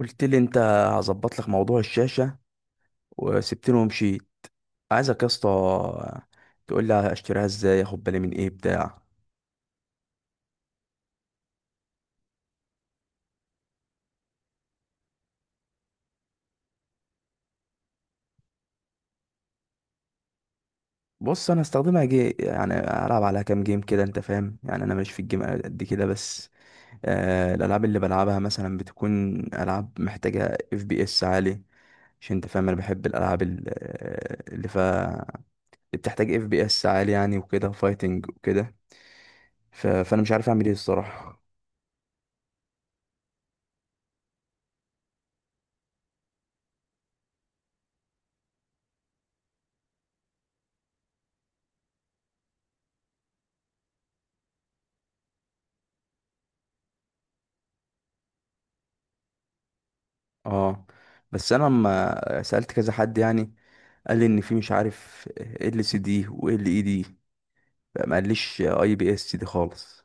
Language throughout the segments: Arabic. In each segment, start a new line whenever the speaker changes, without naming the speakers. قلت لي انت هظبط لك موضوع الشاشه وسبتني ومشيت. عايزك يا اسطى تقول لي اشتريها ازاي، اخد بالي من ايه بتاع. بص انا استخدمها جي، يعني العب عليها كام جيم كده، انت فاهم، يعني انا ماليش في الجيم قد كده، بس الالعاب اللي بلعبها مثلا بتكون العاب محتاجه اف بي اس عالي، عشان انت فاهم انا بحب الالعاب اللي بتحتاج اف بي اس عالي يعني، وكده فايتنج وكده. فانا مش عارف اعمل ايه الصراحه. اه، بس انا لما سألت كذا حد يعني، قال لي ان في، مش عارف، ال سي دي و ال اي دي، ما قاليش اي بي اس دي خالص.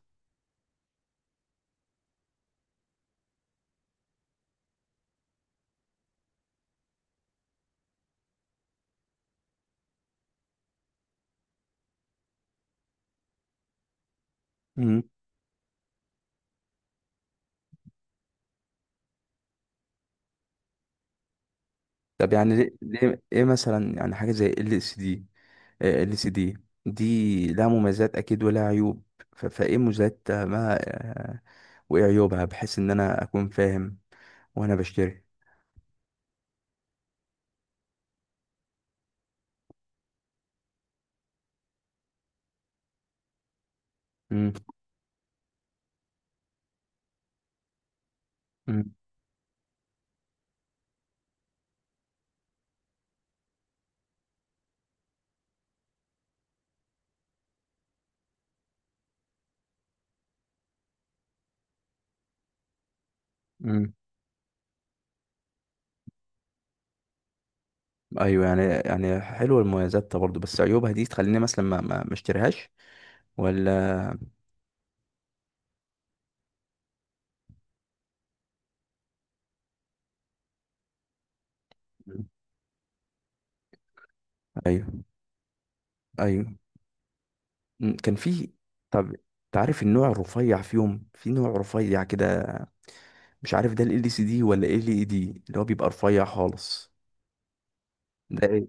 مم. طب يعني ليه ايه مثلا، يعني حاجة زي ال سي دي؟ ال سي دي دي لها مميزات اكيد ولها عيوب، فايه مميزات، ما آه، وايه عيوبها بحيث ان انا اكون فاهم وانا بشتري؟ مم. مم. مم. ايوه يعني، يعني حلوه المميزات ده برضه، بس عيوبها دي تخليني مثلا ما اشتريهاش ولا؟ مم. ايوه. ايوه. م، كان في. طب تعرف النوع الرفيع فيهم، في نوع رفيع كده، مش عارف ده ال سي دي ولا ال اي دي، اللي هو بيبقى رفيع خالص؟ ده ايه؟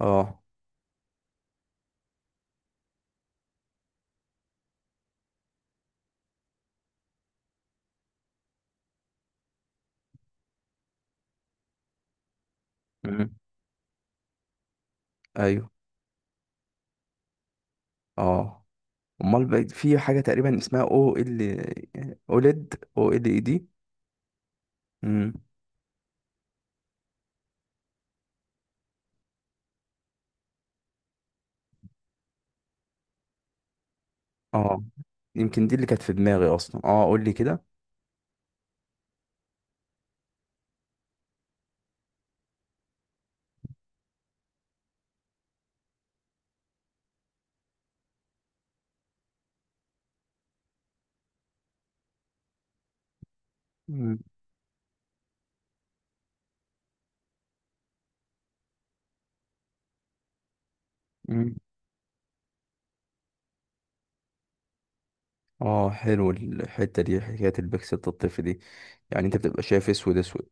اه. مم. ايوه. اه. امال بقى في حاجه تقريبا اسمها او ال، اوليد، او ال اي دي؟ امم. اه، يمكن دي اللي كانت في دماغي اصلا. اه قول لي كده. مم. مم. اه حلو الحته دي، حكايه البكسل الطفل دي، يعني انت بتبقى شايف اسود اسود.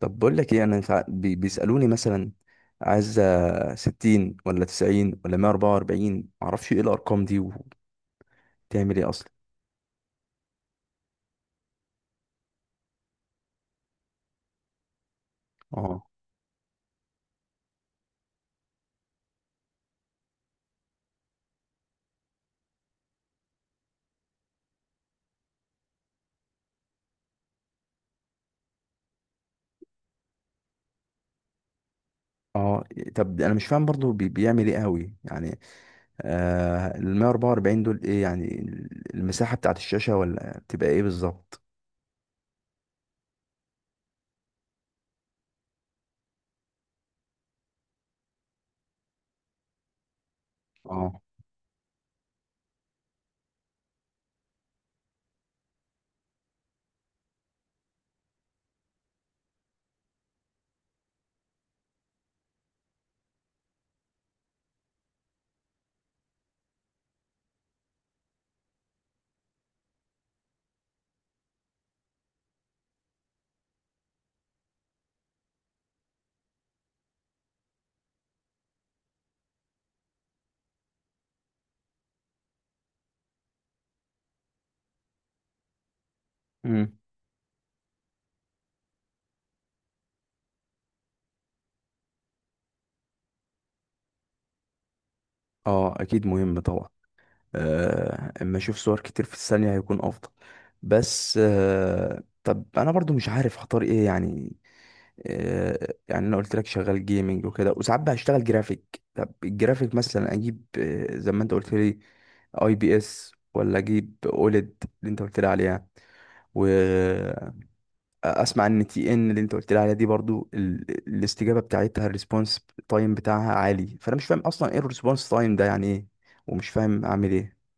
طب بقول لك ايه، انا بيسالوني مثلا، عايز ستين ولا تسعين ولا مية اربعة واربعين، معرفش ايه الارقام دي وبتعمل ايه اصلا. اه. اه، طب انا مش فاهم برضو، بيعمل ايه قوي يعني؟ ال 144 دول ايه يعني؟ المساحة بتاعت الشاشة، ولا بتبقى ايه بالظبط؟ اه. امم. اه اكيد مهم طبعا. اما اشوف صور كتير في الثانية هيكون افضل. بس طب انا برضو مش عارف هختار ايه يعني. يعني انا قلت لك شغال جيمنج وكده، وساعات بشتغل جرافيك. طب الجرافيك مثلا اجيب زي ما انت قلت لي، اي بي اس ولا اجيب اوليد اللي انت قلت لي عليها؟ واسمع، ان تي ان اللي انت قلت لي عليها دي برضو الاستجابه بتاعتها، الريسبونس تايم بتاعها عالي، فانا مش فاهم اصلا ايه الريسبونس تايم ده يعني ايه، ومش فاهم اعمل ايه.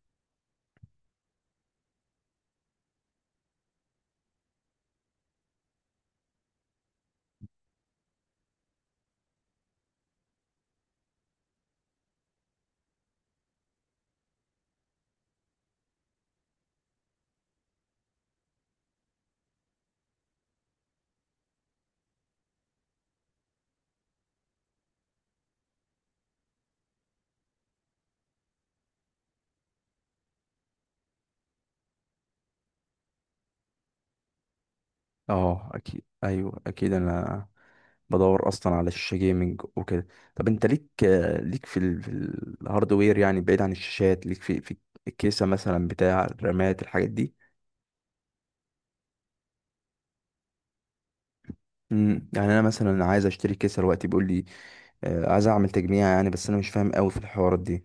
اه اكيد. ايوه اكيد انا بدور اصلا على شاشه جيمنج وكده. طب انت ليك، في الهاردوير يعني، بعيد عن الشاشات، ليك في الكيسه مثلا، بتاع الرامات، الحاجات دي؟ امم. يعني انا مثلا عايز اشتري كيسه دلوقتي، بيقول لي عايز اعمل تجميع يعني، بس انا مش فاهم قوي في الحوارات دي.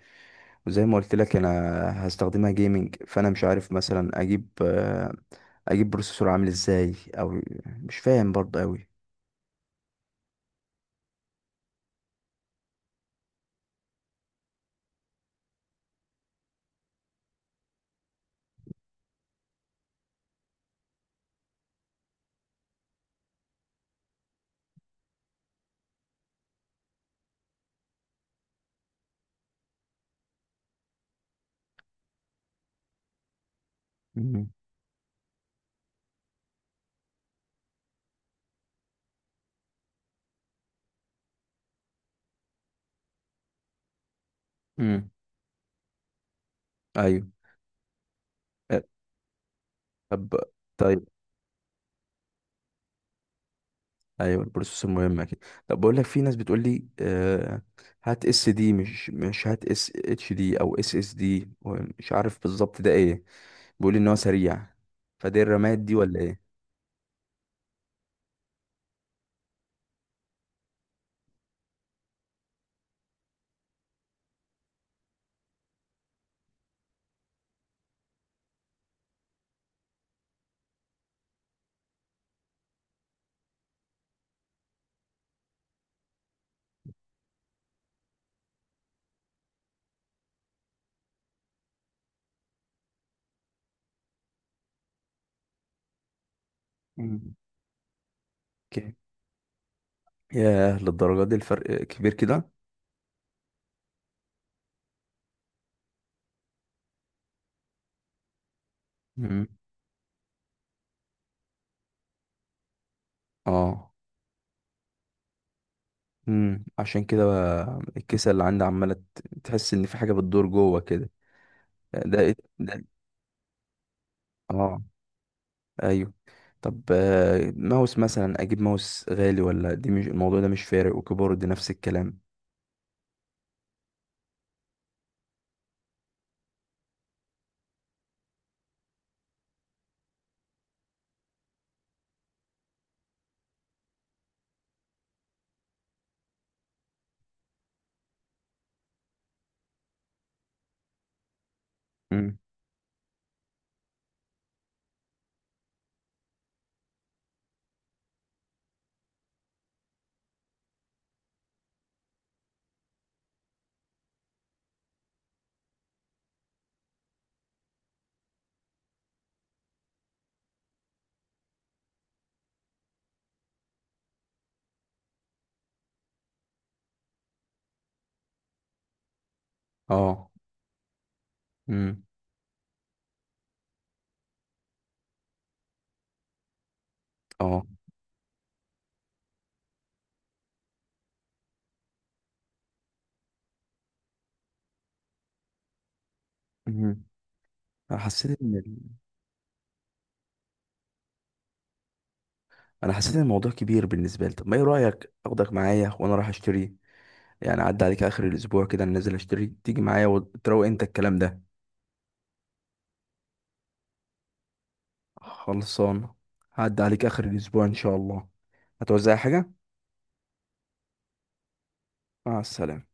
وزي ما قلت لك انا هستخدمها جيمنج، فانا مش عارف مثلا اجيب اجيب بروسيسور عامل ازاي، او مش فاهم برضه قوي. امم. ايوه. آه، طب. طيب. ايوه البروسيسور مهم اكيد. طب بقول لك، في ناس بتقول لي هات اس دي، مش هات، اس اتش دي او اس اس دي، مش عارف بالظبط ده ايه، بيقول لي ان هو سريع، فدي الرامات دي ولا ايه؟ مم. اوكي. ياه، للدرجه دي الفرق كبير كده؟ مم. اه. امم، عشان كده بقى الكيسه اللي عندي عماله تحس ان في حاجه بتدور جوه كده. ده إيه؟ ده؟ اه. ايوه. طب ماوس مثلا اجيب ماوس غالي، ولا دي مش، الموضوع ده مش فارق؟ وكيبورد نفس الكلام. امم. اه. امم. اه. امم. انا حسيت ان ال- انا حسيت ان الموضوع كبير بالنسبه لي. طب ما ايه رايك اخدك معايا وانا رايح اشتري، يعني اعدي عليك اخر الاسبوع كده، أنا نازل اشتري تيجي معايا وتروق انت الكلام ده. خلصان. هعدي عليك اخر الاسبوع ان شاء الله، هتوزع حاجه؟ مع السلامه.